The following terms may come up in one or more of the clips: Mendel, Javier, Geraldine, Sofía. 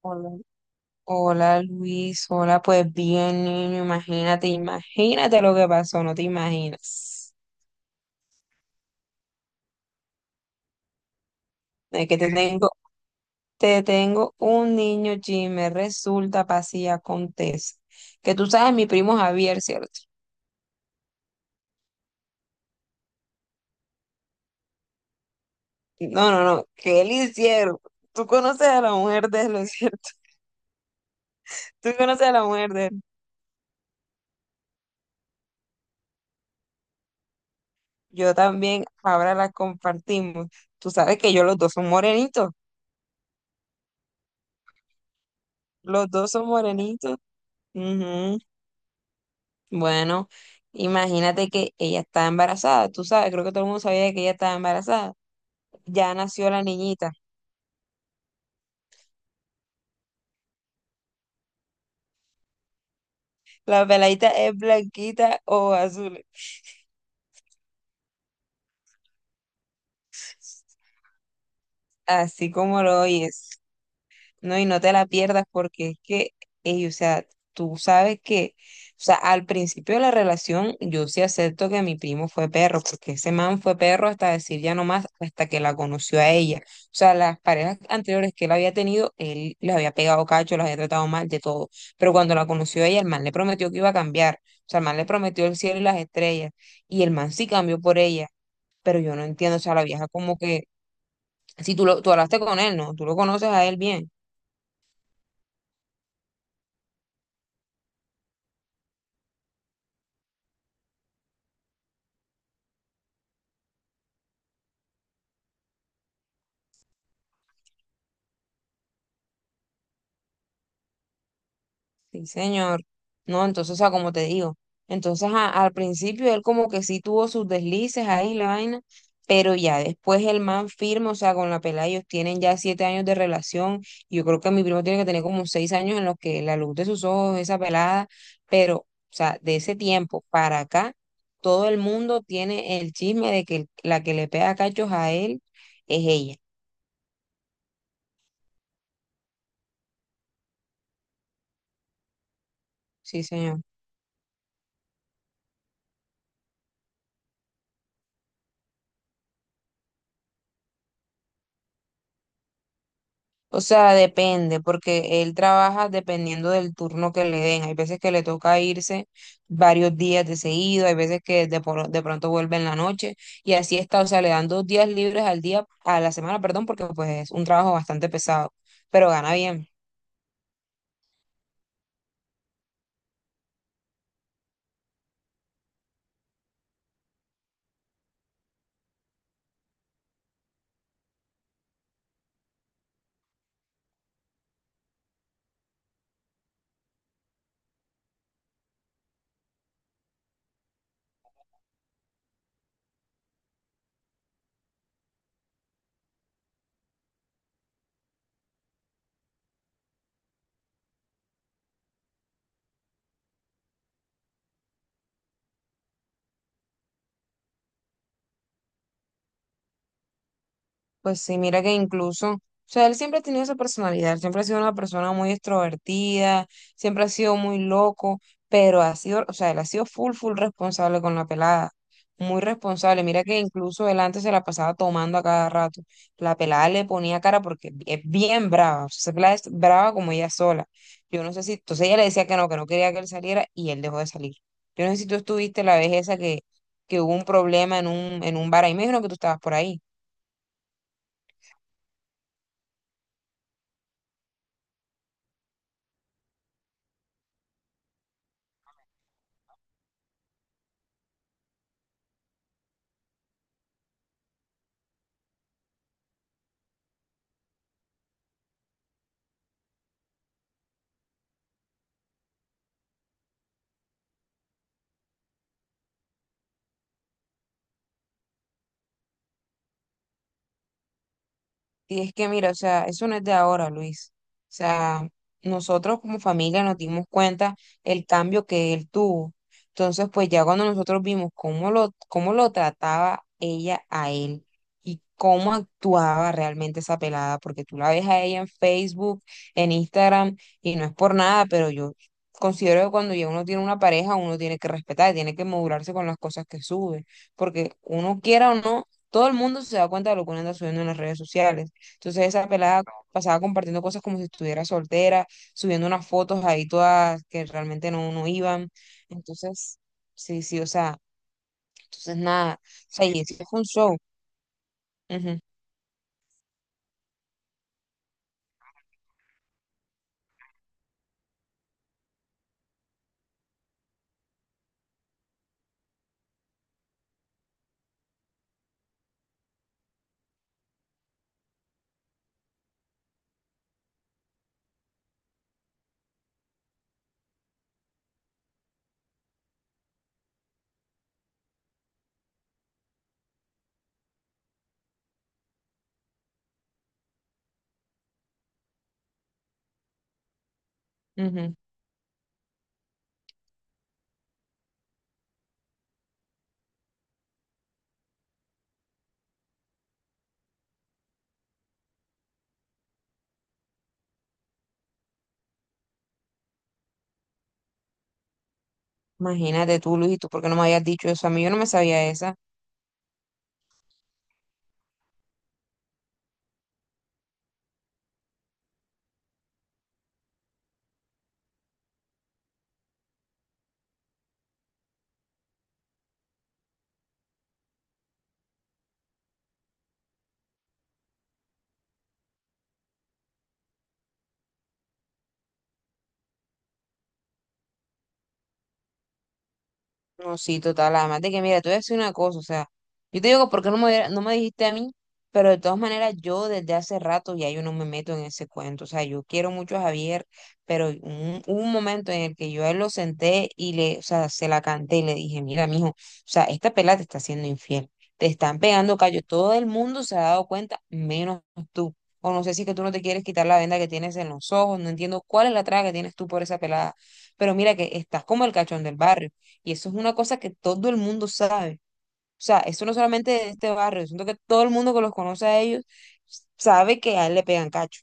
Hola, hola, Luis, hola, pues bien, niño, imagínate, imagínate lo que pasó, no te imaginas. Es que te tengo, te tengo un niño chisme, resulta, pasa y acontece. Que tú sabes, mi primo Javier, ¿cierto? No, no, no, que él hicieron. Tú conoces a la mujer de él, ¿no es cierto? Tú conoces a la mujer de él. Yo también, ahora la compartimos. Tú sabes que yo, los dos son morenitos, los dos son morenitos. Ujú. Bueno, imagínate que ella estaba embarazada, tú sabes, creo que todo el mundo sabía que ella estaba embarazada. Ya nació la niñita. La peladita es blanquita o azul, así como lo oyes. No, y no te la pierdas porque es que, ey, o sea, tú sabes que, o sea, al principio de la relación yo sí acepto que mi primo fue perro, porque ese man fue perro hasta decir ya no más, hasta que la conoció a ella. O sea, las parejas anteriores que él había tenido, él les había pegado cacho, las había tratado mal, de todo. Pero cuando la conoció a ella, el man le prometió que iba a cambiar. O sea, el man le prometió el cielo y las estrellas. Y el man sí cambió por ella, pero yo no entiendo, o sea, la vieja como que, si tú, tú hablaste con él, ¿no? Tú lo conoces a él bien. Sí, señor. No, entonces, o sea, como te digo, entonces al principio él como que sí tuvo sus deslices ahí, la vaina, pero ya después el man firme, o sea, con la pelada ellos tienen ya 7 años de relación, y yo creo que mi primo tiene que tener como 6 años en los que la luz de sus ojos, esa pelada, pero, o sea, de ese tiempo para acá, todo el mundo tiene el chisme de que la que le pega cachos a él es ella. Sí, señor. O sea, depende, porque él trabaja dependiendo del turno que le den. Hay veces que le toca irse varios días de seguido, hay veces que de pronto vuelve en la noche y así está. O sea, le dan 2 días libres al día, a la semana, perdón, porque pues es un trabajo bastante pesado, pero gana bien. Pues sí, mira que incluso, o sea, él siempre ha tenido esa personalidad, él siempre ha sido una persona muy extrovertida, siempre ha sido muy loco, pero ha sido, o sea, él ha sido full, full responsable con la pelada, muy responsable. Mira que incluso él antes se la pasaba tomando a cada rato. La pelada le ponía cara porque es bien brava, o sea, esa pelada es brava como ella sola. Yo no sé si, entonces ella le decía que no quería que él saliera y él dejó de salir. Yo no sé si tú estuviste la vez esa que hubo un problema en un bar, ahí me dijeron que tú estabas por ahí. Y es que mira, o sea, eso no es de ahora, Luis. O sea, nosotros como familia nos dimos cuenta el cambio que él tuvo. Entonces, pues ya cuando nosotros vimos cómo lo trataba ella a él y cómo actuaba realmente esa pelada, porque tú la ves a ella en Facebook, en Instagram, y no es por nada, pero yo considero que cuando ya uno tiene una pareja, uno tiene que respetar, tiene que modularse con las cosas que sube, porque uno quiera o no, todo el mundo se da cuenta de lo que uno anda subiendo en las redes sociales. Entonces esa pelada pasaba compartiendo cosas como si estuviera soltera, subiendo unas fotos ahí todas que realmente no, no iban. Entonces, sí, sí, o sea, entonces nada. O sea, y eso fue un show. Ujú, ujú. Imagínate tú, Luis, ¿y tú por qué no me habías dicho eso? A mí yo no me sabía esa. No, sí, total. Además de que, mira, te voy a decir una cosa, o sea, yo te digo, ¿por qué no me, no me dijiste a mí? Pero de todas maneras, yo desde hace rato ya yo no me meto en ese cuento. O sea, yo quiero mucho a Javier, pero hubo un momento en el que yo a él lo senté y le, o sea, se la canté y le dije, mira, mijo, o sea, esta pelada te está haciendo infiel. Te están pegando callo. Todo el mundo se ha dado cuenta, menos tú. O no sé si es que tú no te quieres quitar la venda que tienes en los ojos. No entiendo cuál es la traga que tienes tú por esa pelada. Pero mira que estás como el cachón del barrio. Y eso es una cosa que todo el mundo sabe. O sea, eso no solamente de este barrio, siento que todo el mundo que los conoce a ellos sabe que a él le pegan cacho.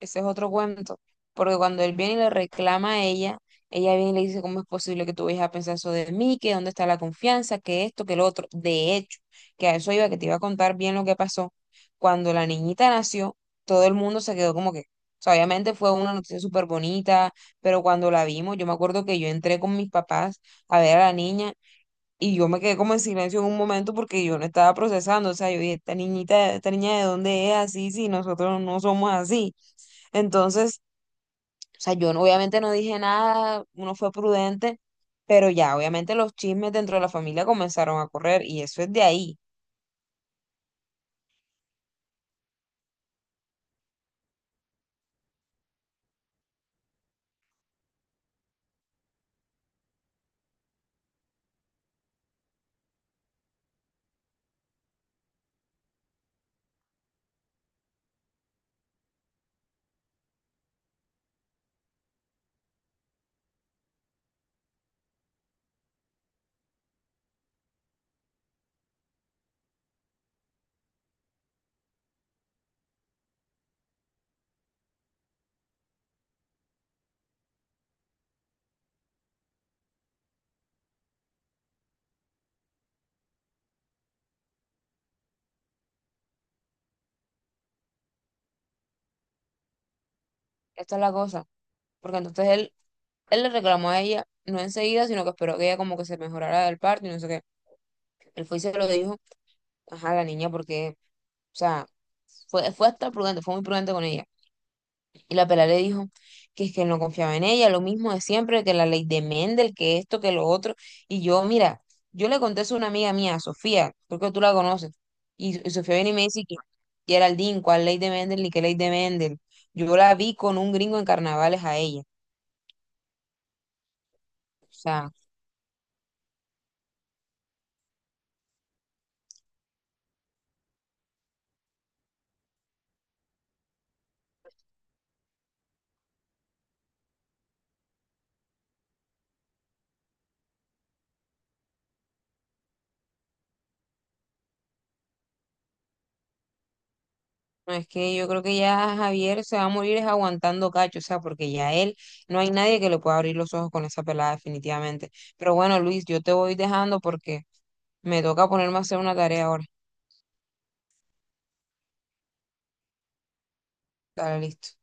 Ese es otro cuento. Porque cuando él viene y le reclama a ella, ella viene y le dice, ¿cómo es posible que tú vayas a pensar eso de mí? ¿Que dónde está la confianza? ¿Que esto? ¿Que lo otro? De hecho, que a eso iba, que te iba a contar bien lo que pasó. Cuando la niñita nació, todo el mundo se quedó como que, o sea, obviamente fue una noticia súper bonita, pero cuando la vimos, yo me acuerdo que yo entré con mis papás a ver a la niña. Y yo me quedé como en silencio en un momento porque yo no estaba procesando. O sea, yo dije, esta niñita, esta niña de dónde es así si nosotros no somos así. Entonces, o sea, yo no- obviamente no dije nada, uno fue prudente, pero ya, obviamente los chismes dentro de la familia comenzaron a correr y eso es de ahí. Esta es la cosa. Porque entonces él le reclamó a ella, no enseguida, sino que esperó que ella como que se mejorara del parto y no sé qué. Él fue y se lo dijo, ajá, la niña, porque, o sea, fue hasta prudente, fue muy prudente con ella. Y la pela le dijo que es que no confiaba en ella, lo mismo de siempre, que la ley de Mendel, que esto, que lo otro. Y yo, mira, yo le conté eso a una amiga mía, Sofía, creo que tú la conoces. Y Sofía viene y me dice que Geraldine, ¿cuál ley de Mendel ni qué ley de Mendel? Yo la vi con un gringo en carnavales a ella. O sea, no es que yo creo que ya Javier se va a morir es aguantando cacho, o sea, porque ya él, no hay nadie que le pueda abrir los ojos con esa pelada definitivamente. Pero bueno, Luis, yo te voy dejando porque me toca ponerme a hacer una tarea ahora. Dale, listo.